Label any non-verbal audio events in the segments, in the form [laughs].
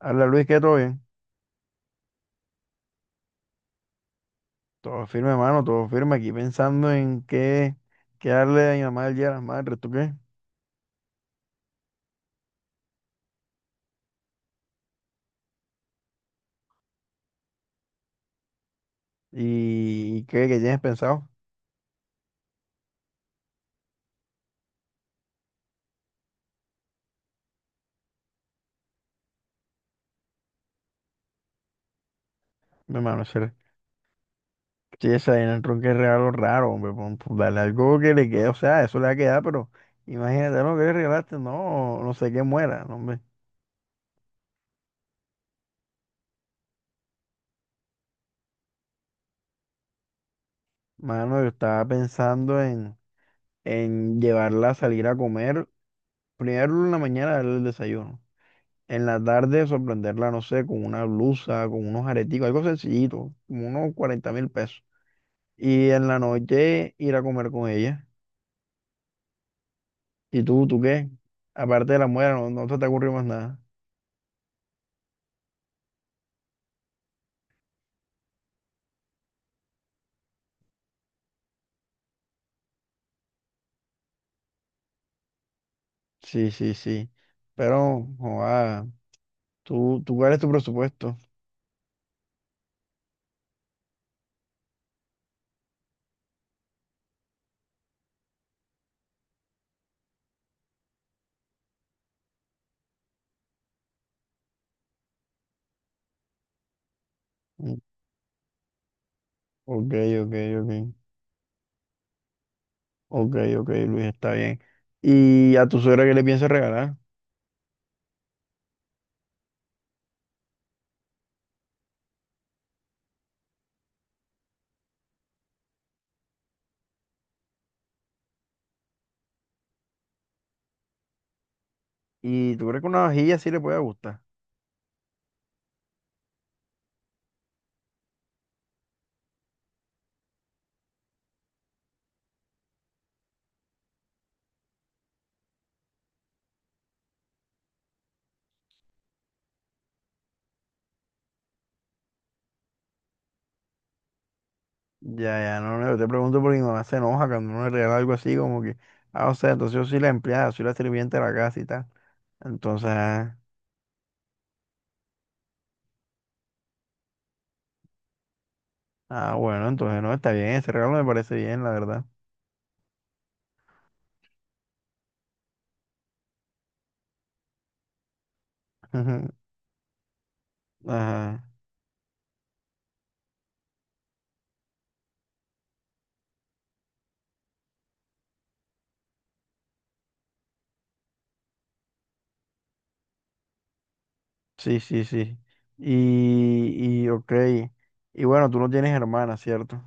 Habla Luis, ¿qué todo bien? Todo firme, hermano, todo firme. Aquí pensando en qué darle a mi mamá el Día de las Madres, ¿tú qué? ¿Y qué tienes pensado? Mi hermano, ser esa vaina entró en el tronco es regalo raro, hombre. Dale algo que le quede, o sea, eso le va a quedar, pero imagínate lo que le regalaste, no, no sé qué muera, no, hombre. Mano, yo estaba pensando en llevarla a salir a comer. Primero en la mañana darle el desayuno. En la tarde sorprenderla, no sé, con una blusa, con unos areticos, algo sencillito, como unos 40.000 pesos. Y en la noche ir a comer con ella. ¿Y tú qué? Aparte de la muela, no, no se te ocurrió más nada. Sí, sí, sí. Pero, joa, ¿tú cuál es tu presupuesto? Mm. Ok, ok, ok. Ok, ok, Luis, está bien. ¿Y a tu suegra qué le piensas regalar? ¿Y tú crees que una vajilla sí le puede gustar? Ya, ya, no, no, yo te pregunto porque mi mamá se enoja cuando uno le regala algo así, como que, ah, o sea, entonces yo soy la empleada, soy la sirvienta de la casa y tal. Entonces, ah, ah, bueno, entonces no, está bien, ese regalo me parece bien, la verdad. [laughs] Ajá, sí, sí, sí. Ok, y bueno, tú no tienes hermana, ¿cierto?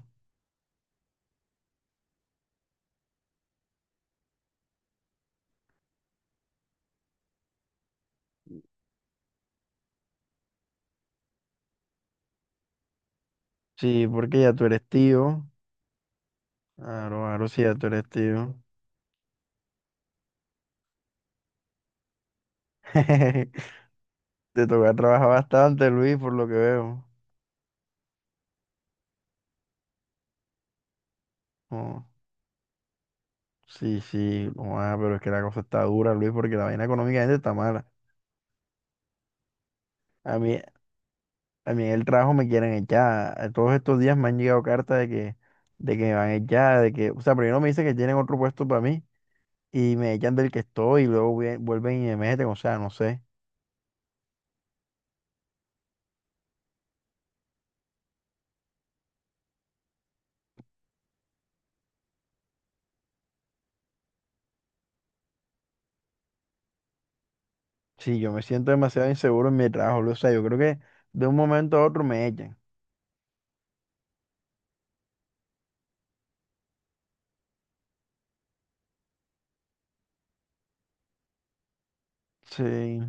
Sí, porque ya tú eres tío. Claro, claro, sí, ya tú eres tío. [laughs] Te toca trabajar bastante, Luis, por lo que veo. Oh. Sí, sí, no, ah, pero es que la cosa está dura, Luis, porque la vaina económicamente está mala. A mí, a mí en el trabajo me quieren echar. A todos estos días me han llegado cartas de que, me van a echar, de que, o sea, primero me dicen que tienen otro puesto para mí y me echan del que estoy y luego vuelven y me meten, o sea, no sé. Sí, yo me siento demasiado inseguro en mi trabajo, Luis, o sea, yo creo que de un momento a otro me echan. Sí.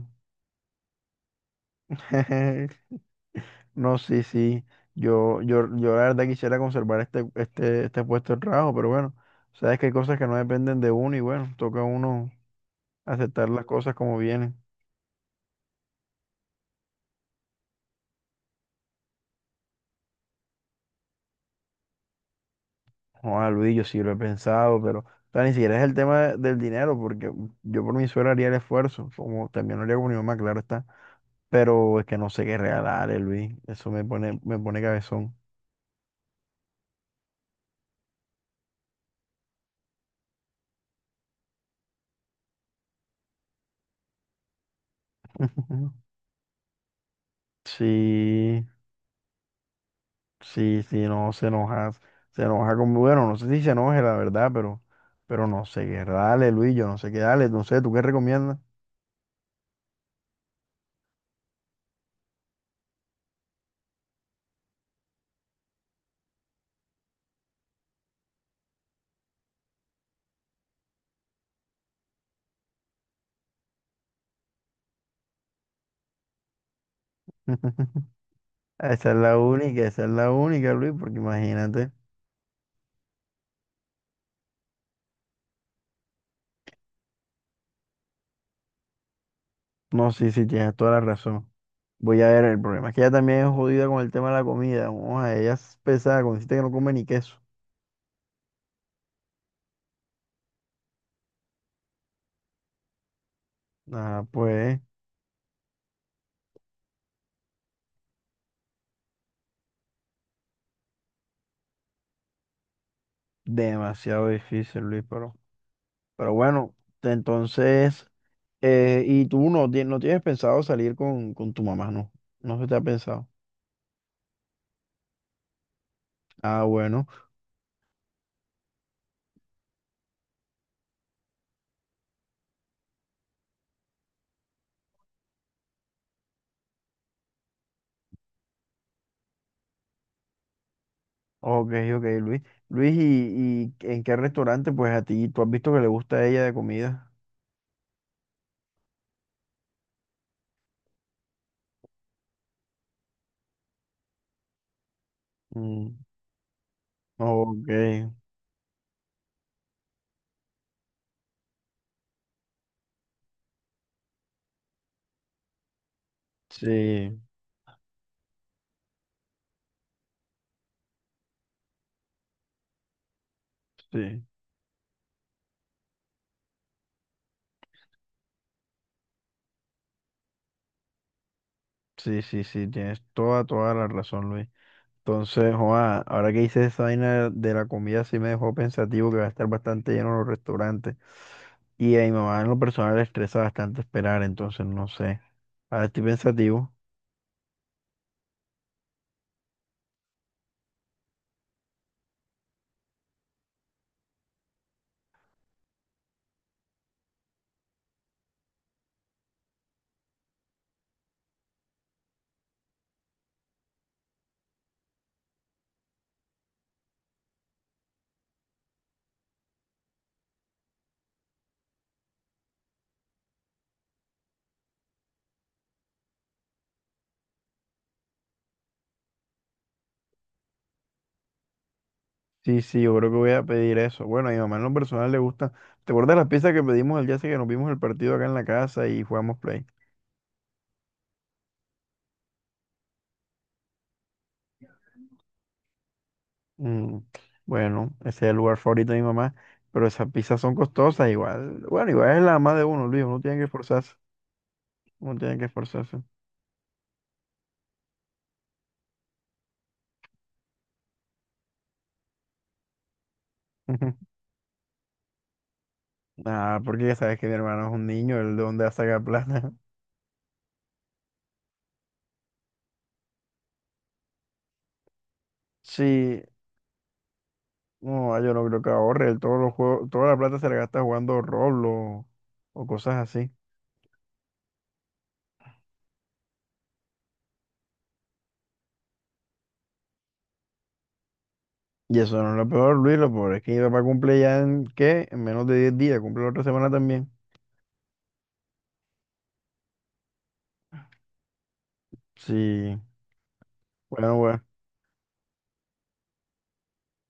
[laughs] No, sí, sí. Yo la verdad quisiera conservar este puesto de trabajo, pero bueno, sabes que hay cosas que no dependen de uno y bueno, toca a uno aceptar las cosas como vienen. Joder, Luis, yo sí lo he pensado, pero o sea, ni siquiera es el tema del dinero, porque yo por mi suerte haría el esfuerzo, como también lo haría con mi mamá, claro está, pero es que no sé qué regalarle, Luis. Eso me pone cabezón. [laughs] Sí. Sí, sí, no, se enoja con, bueno, no sé si se enoje, la verdad, pero no sé qué, dale, Luis, yo no sé qué, dale, no sé, ¿tú qué recomiendas? [laughs] Esa es la única, esa es la única, Luis, porque imagínate. No, sí, sí, tienes toda la razón. Voy a ver, el problema es que ella también es jodida con el tema de la comida. Vamos a ella es pesada, consiste que no come ni queso. Ah, pues, demasiado difícil, Luis, pero bueno, entonces... y tú no, no tienes pensado salir con, tu mamá, no. No se te ha pensado. Ah, bueno. Ok, ok, Luis. Luis, ¿y en qué restaurante? Pues a ti, ¿tú has visto que le gusta a ella de comida? Mm, ok. Sí, sí. Sí, sí, sí. Tienes toda la razón, Luis. Entonces, joa, ahora que hice esa vaina de la comida, sí me dejó pensativo que va a estar bastante lleno los restaurantes. Y a mi mamá en lo personal le estresa bastante esperar, entonces no sé. Ahora estoy pensativo. Sí, sí, yo creo que voy a pedir eso. Bueno, a mi mamá en lo personal le gusta. ¿Te acuerdas las pizzas que pedimos el día ese que nos vimos el partido acá en la casa y jugamos play? Mm, bueno, ese es el lugar favorito de mi mamá, pero esas pizzas son costosas igual. Bueno, igual es la mamá de uno, Luis, uno tiene que esforzarse, uno tiene que esforzarse. [laughs] Ah, porque ya sabes que mi hermano es un niño, él de dónde va a sacar plata. [laughs] Sí, no, ah, yo no creo que ahorre, él todos los juegos, toda la plata se la gasta jugando Roblox o cosas así. Y eso no es lo peor, Luis, lo peor es que mi papá cumple ya en, ¿qué? En menos de 10 días, cumple la otra semana también. Sí, bueno, bueno.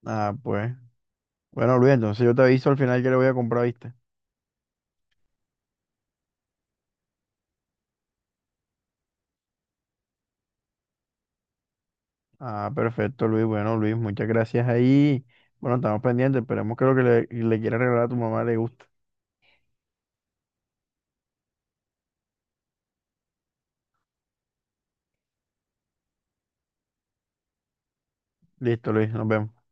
Ah, pues. Bueno, Luis, entonces yo te aviso al final que le voy a comprar, ¿viste? Ah, perfecto, Luis. Bueno, Luis, muchas gracias ahí. Bueno, estamos pendientes, esperemos que lo que le quiera regalar a tu mamá le guste. Listo, Luis, nos vemos.